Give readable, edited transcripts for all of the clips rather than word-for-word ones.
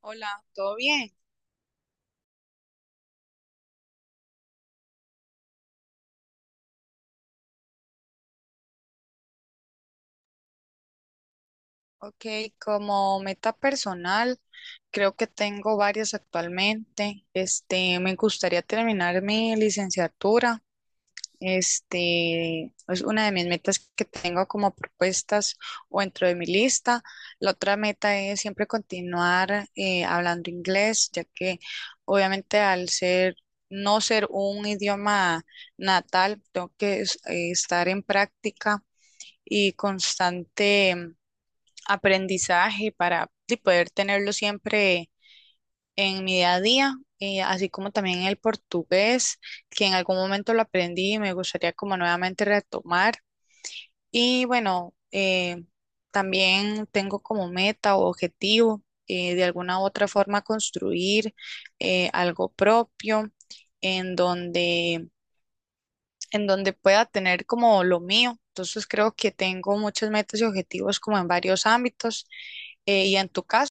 Hola, ¿todo bien? Ok, como meta personal, creo que tengo varias actualmente. Me gustaría terminar mi licenciatura. Es una de mis metas que tengo como propuestas o dentro de mi lista. La otra meta es siempre continuar hablando inglés, ya que obviamente al ser no ser un idioma natal, tengo que estar en práctica y constante aprendizaje para sí, poder tenerlo siempre en mi día a día, así como también el portugués, que en algún momento lo aprendí y me gustaría como nuevamente retomar. Y bueno, también tengo como meta o objetivo de alguna u otra forma construir algo propio en donde, en donde pueda tener como lo mío. Entonces creo que tengo muchas metas y objetivos como en varios ámbitos. Y en tu caso,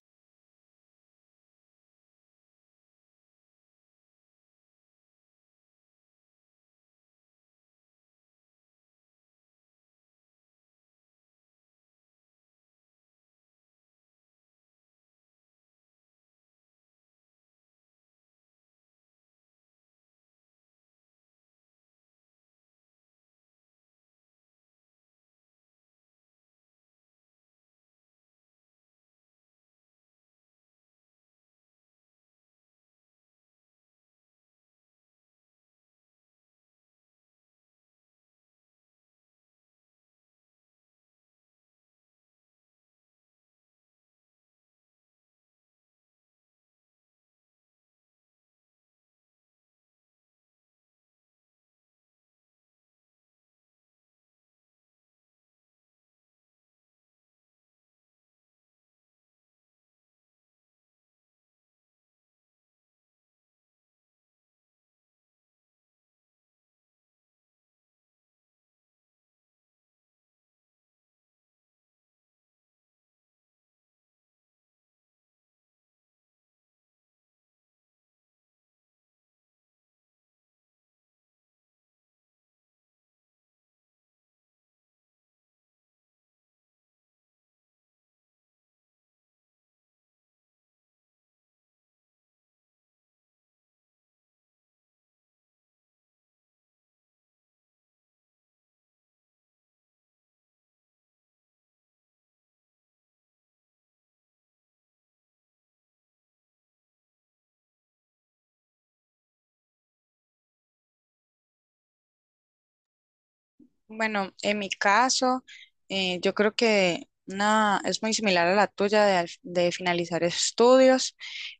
bueno, en mi caso, yo creo que una, es muy similar a la tuya de, de finalizar estudios.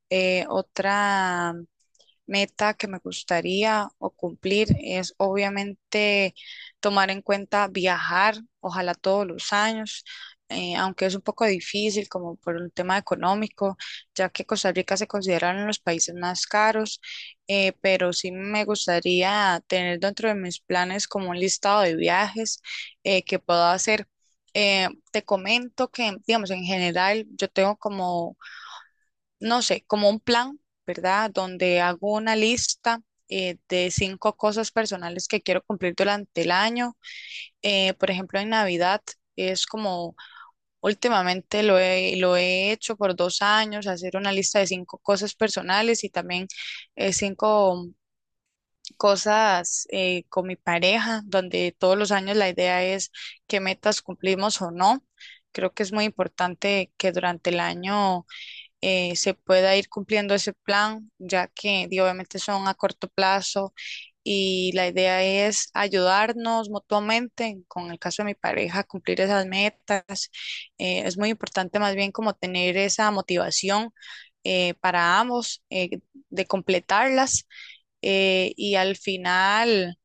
Otra meta que me gustaría o cumplir es obviamente tomar en cuenta viajar, ojalá todos los años, aunque es un poco difícil como por un tema económico, ya que Costa Rica se considera uno de los países más caros, pero sí me gustaría tener dentro de mis planes como un listado de viajes que pueda hacer. Te comento que, digamos, en general yo tengo como no sé, como un plan, ¿verdad? Donde hago una lista de cinco cosas personales que quiero cumplir durante el año. Por ejemplo, en Navidad es como últimamente lo he hecho por 2 años, hacer una lista de cinco cosas personales y también cinco cosas con mi pareja, donde todos los años la idea es qué metas cumplimos o no. Creo que es muy importante que durante el año se pueda ir cumpliendo ese plan, ya que di, obviamente son a corto plazo y la idea es ayudarnos mutuamente, con el caso de mi pareja, a cumplir esas metas. Es muy importante más bien como tener esa motivación para ambos, de completarlas y al final,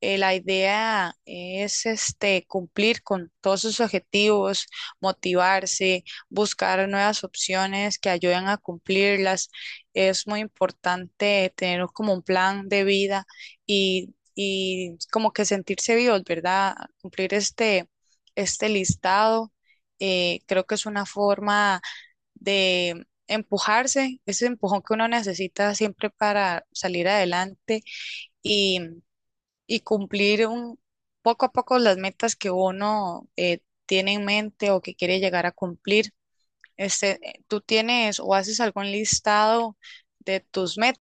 la idea es cumplir con todos sus objetivos, motivarse, buscar nuevas opciones que ayuden a cumplirlas. Es muy importante tener como un plan de vida y como que sentirse vivos, ¿verdad? Cumplir este listado. Creo que es una forma de empujarse, ese empujón que uno necesita siempre para salir adelante. Y y cumplir poco a poco las metas que uno tiene en mente o que quiere llegar a cumplir. ¿Tú tienes o haces algún listado de tus metas?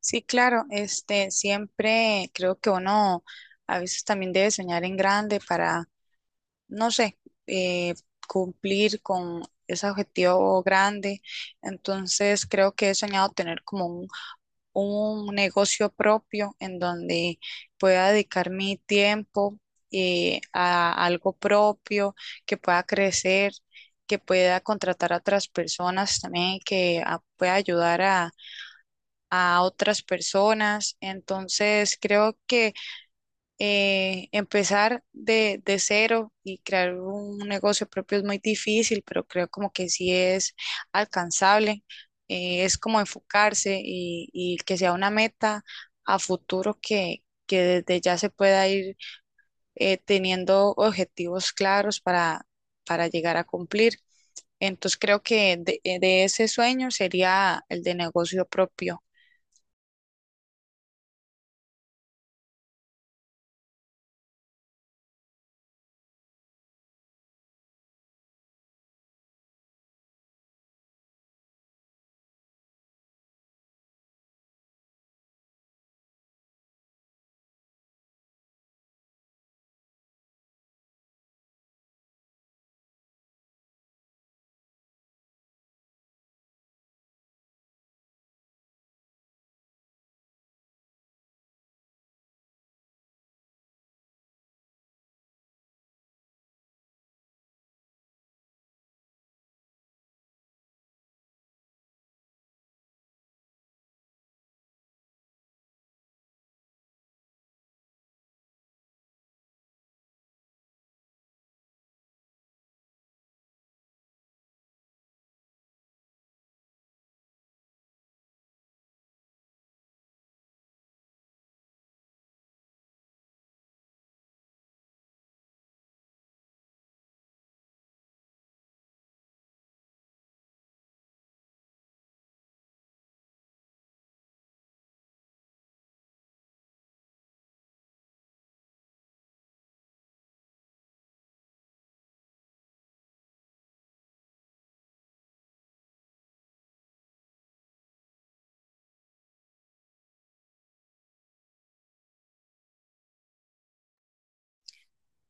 Sí, claro, siempre creo que uno a veces también debe soñar en grande para, no sé, eh, cumplir con ese objetivo grande. Entonces, creo que he soñado tener como un negocio propio en donde pueda dedicar mi tiempo a algo propio, que pueda crecer, que pueda contratar a otras personas también, pueda ayudar a otras personas. Entonces, creo que empezar de cero y crear un negocio propio es muy difícil, pero creo como que sí es alcanzable. Es como enfocarse y que sea una meta a futuro que desde ya se pueda ir teniendo objetivos claros para llegar a cumplir. Entonces creo que de ese sueño sería el de negocio propio.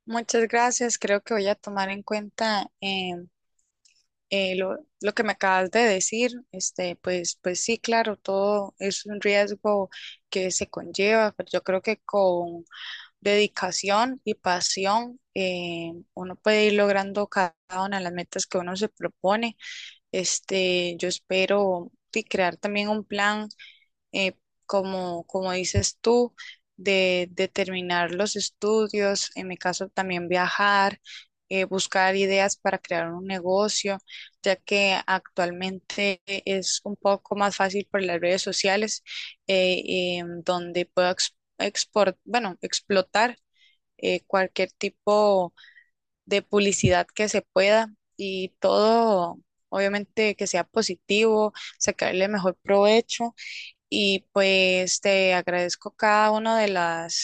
Muchas gracias. Creo que voy a tomar en cuenta lo que me acabas de decir, pues, pues sí, claro, todo es un riesgo que se conlleva, pero yo creo que con dedicación y pasión, uno puede ir logrando cada una de las metas que uno se propone. Yo espero sí, crear también un plan, eh, como, como dices tú, de terminar los estudios, en mi caso también viajar, buscar ideas para crear un negocio, ya que actualmente es un poco más fácil por las redes sociales, donde puedo bueno, explotar cualquier tipo de publicidad que se pueda y todo, obviamente, que sea positivo, sacarle mejor provecho y pues te agradezco cada uno de las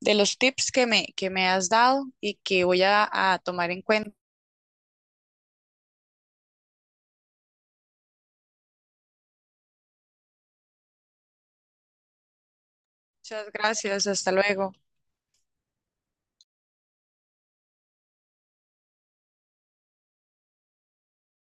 de los tips que me has dado y que voy a tomar en cuenta. Muchas gracias, hasta luego.